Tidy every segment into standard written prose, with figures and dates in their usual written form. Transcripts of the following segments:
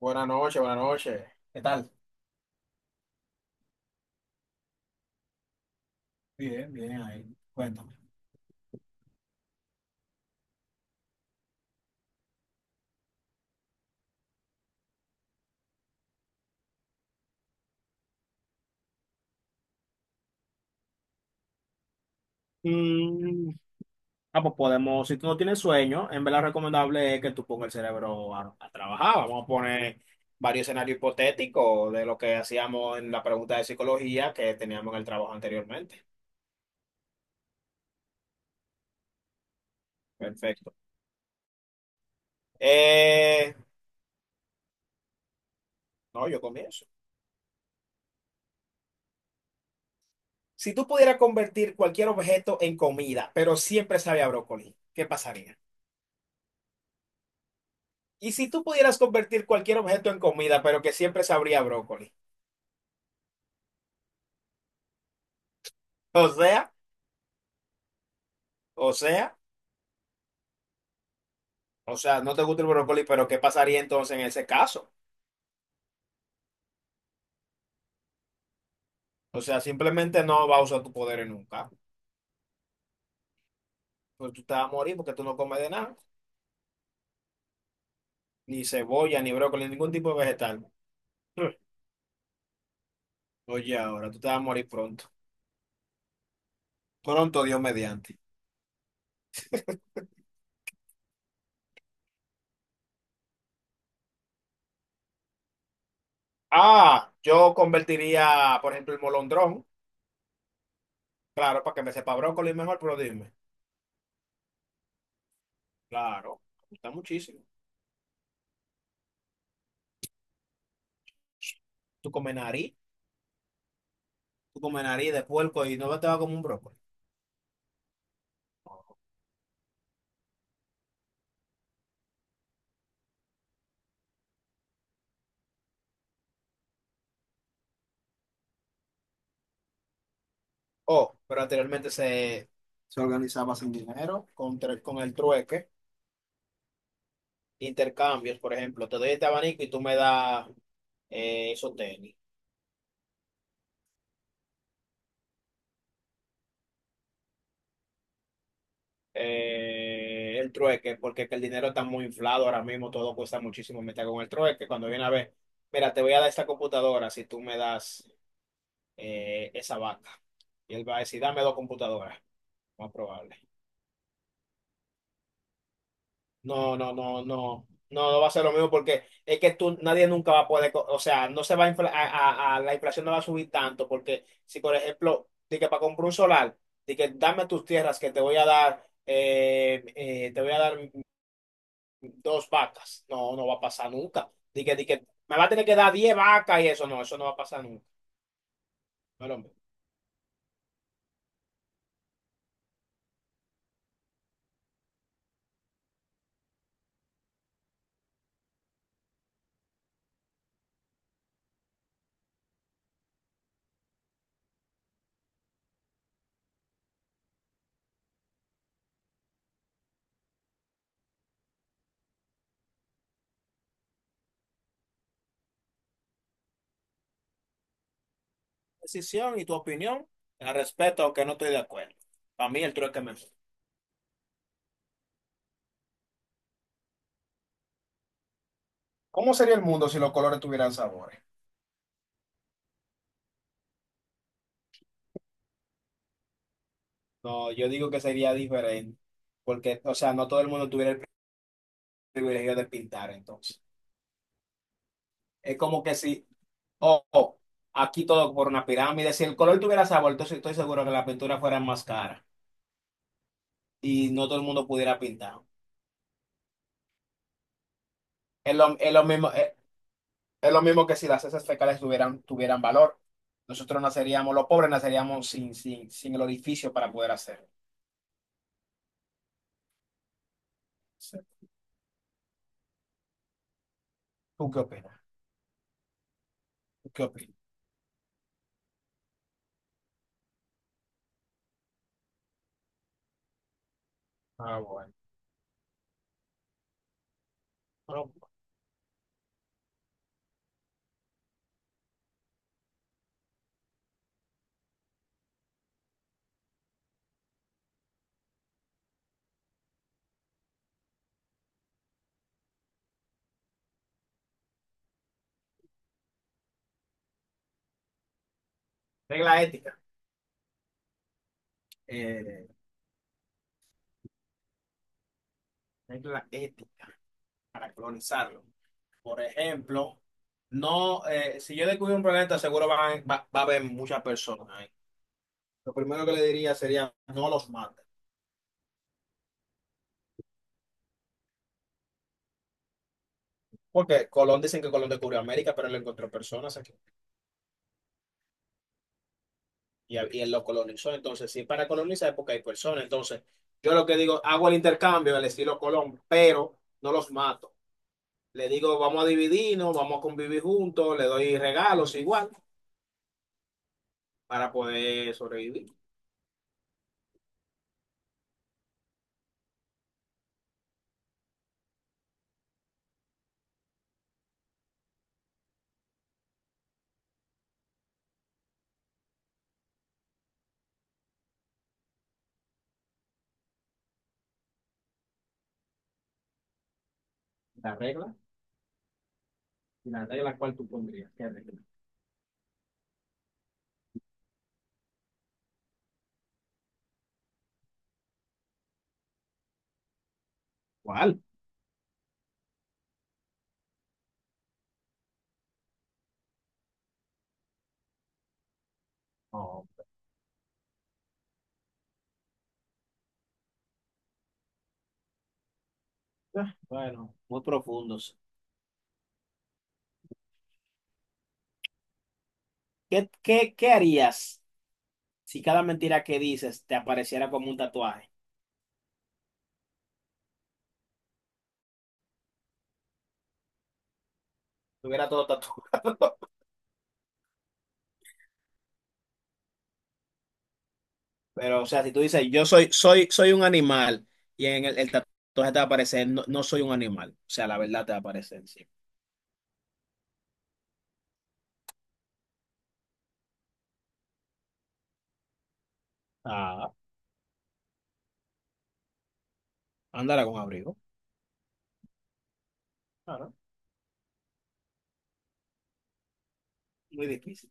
Buenas noches, buenas noches. ¿Qué tal? Bien, bien, ahí. Cuéntame. Mm, pues podemos, si tú no tienes sueño, en verdad recomendable es que tú pongas el cerebro a trabajar. Vamos a poner varios escenarios hipotéticos de lo que hacíamos en la pregunta de psicología que teníamos en el trabajo anteriormente. Perfecto. Eh, no, yo comienzo. Si tú pudieras convertir cualquier objeto en comida, pero siempre sabía brócoli, ¿qué pasaría? Y si tú pudieras convertir cualquier objeto en comida, pero que siempre sabría brócoli. O sea, o sea, o sea, no te gusta el brócoli, pero ¿qué pasaría entonces en ese caso? O sea, simplemente no vas a usar tus poderes nunca. Pues tú te vas a morir porque tú no comes de nada, ni cebolla, ni brócoli, ningún tipo de vegetal. Oye, ahora tú te vas a morir pronto. Pronto, Dios mediante. Ah, yo convertiría, por ejemplo, el molondrón, claro, para que me sepa brócoli mejor, pero dime. Claro, me gusta muchísimo. Tú comes nariz, tú comes nariz de puerco y no te va como un brócoli. Oh, pero anteriormente se organizaba sin dinero, con el trueque, intercambios, por ejemplo, te doy este abanico y tú me das esos tenis. El trueque, porque es que el dinero está muy inflado ahora mismo, todo cuesta muchísimo meter con el trueque. Cuando viene a ver, mira, te voy a dar esta computadora si tú me das esa vaca. Y él va a decir, dame dos computadoras, más probable. No, no, no, no, no, no va a ser lo mismo porque es que tú, nadie nunca va a poder, o sea, no se va a, la inflación no va a subir tanto porque si, por ejemplo, de que para comprar un solar, de que dame tus tierras que te voy a dar, te voy a dar dos vacas, no, no va a pasar nunca. De que me va a tener que dar diez vacas y eso no va a pasar nunca. Pero, decisión y tu opinión, la respeto, aunque no estoy de acuerdo. Para mí el trueque me... ¿Cómo sería el mundo si los colores tuvieran sabor? No, yo digo que sería diferente, porque, o sea, no todo el mundo tuviera el privilegio de pintar, entonces. Es como que si, oh, oh, aquí todo por una pirámide, si el color tuviera sabor, entonces estoy seguro que la pintura fuera más cara y no todo el mundo pudiera pintar. Es lo, es lo mismo, es, es lo mismo que si las heces fecales tuvieran valor. Nosotros naceríamos, los pobres naceríamos sin el orificio para poder hacerlo. Sí. ¿Tú qué opinas? ¿Tú qué opinas? Ah, bueno. Pero, regla ética. Eh, Regla ética. Para colonizarlo. Por ejemplo, no, si yo descubro un planeta, seguro va a haber muchas personas ahí. Lo primero que le diría sería, no los maten. Porque Colón dicen que Colón descubrió América, pero él encontró personas aquí y él lo colonizó. Entonces, si es para colonizar, es porque hay personas. Entonces, yo lo que digo, hago el intercambio al estilo Colón, pero no los mato. Le digo, vamos a dividirnos, vamos a convivir juntos, le doy regalos igual, para poder sobrevivir. La regla. ¿Y la regla cuál tú pondrías? ¿Qué regla? ¿Cuál? No. Ah, bueno. Muy profundos. ¿Qué harías si cada mentira que dices te apareciera como un tatuaje? Tuviera todo tatuado. Pero, o sea, si tú dices, yo soy un animal y en el tatuaje te va a aparecer, no, no soy un animal. O sea, la verdad te va a aparecer, sí. Ah, Ándala con abrigo. Claro. Muy difícil.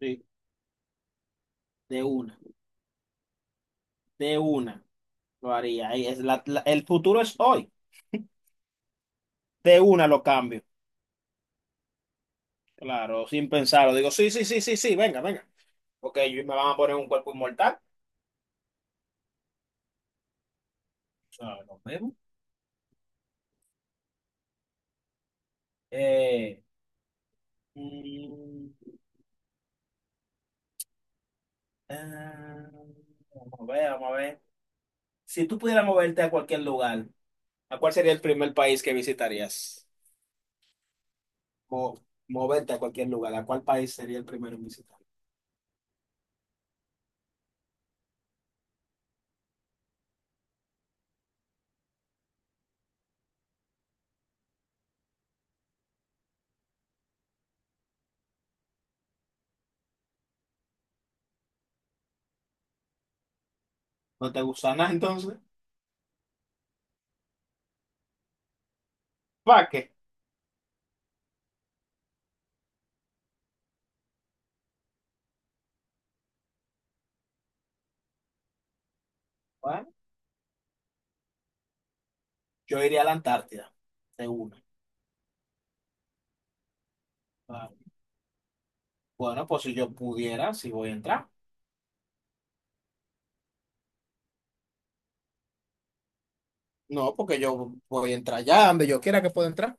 Sí, de una, de una lo haría. Ahí es el futuro es hoy. De una lo cambio. Claro, sin pensarlo. Digo, sí, sí, sí, sí, sí, venga, venga. Porque ellos me van a poner un cuerpo inmortal. O sea, nos vemos. Eh, mm, ah, Vamos a ver, vamos a ver. Si tú pudieras moverte a cualquier lugar, ¿a cuál sería el primer país que visitarías? O moverte a cualquier lugar, ¿a cuál país sería el primero en visitar? ¿No te gusta nada entonces? ¿Para qué? Bueno, yo iría a la Antártida. De una. Ah, bueno, pues si yo pudiera, si voy a entrar. No, porque yo voy a entrar ya donde yo quiera que pueda entrar.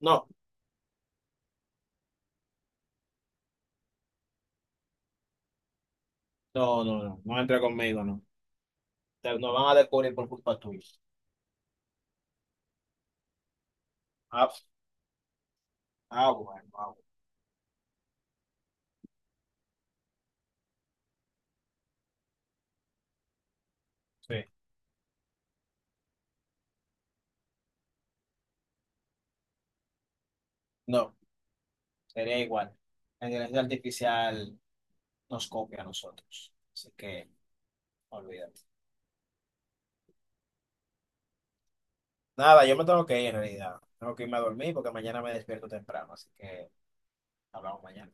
No, no, no, no, no entra conmigo, no. Nos van a descubrir por culpa tuya. Ah, ah, bueno, ah, bueno. Sí. No, sería igual. La inteligencia artificial nos copia a nosotros. Así que, olvídate. Nada, yo me tengo que ir en realidad. Tengo que irme a dormir porque mañana me despierto temprano. Así que hablamos mañana.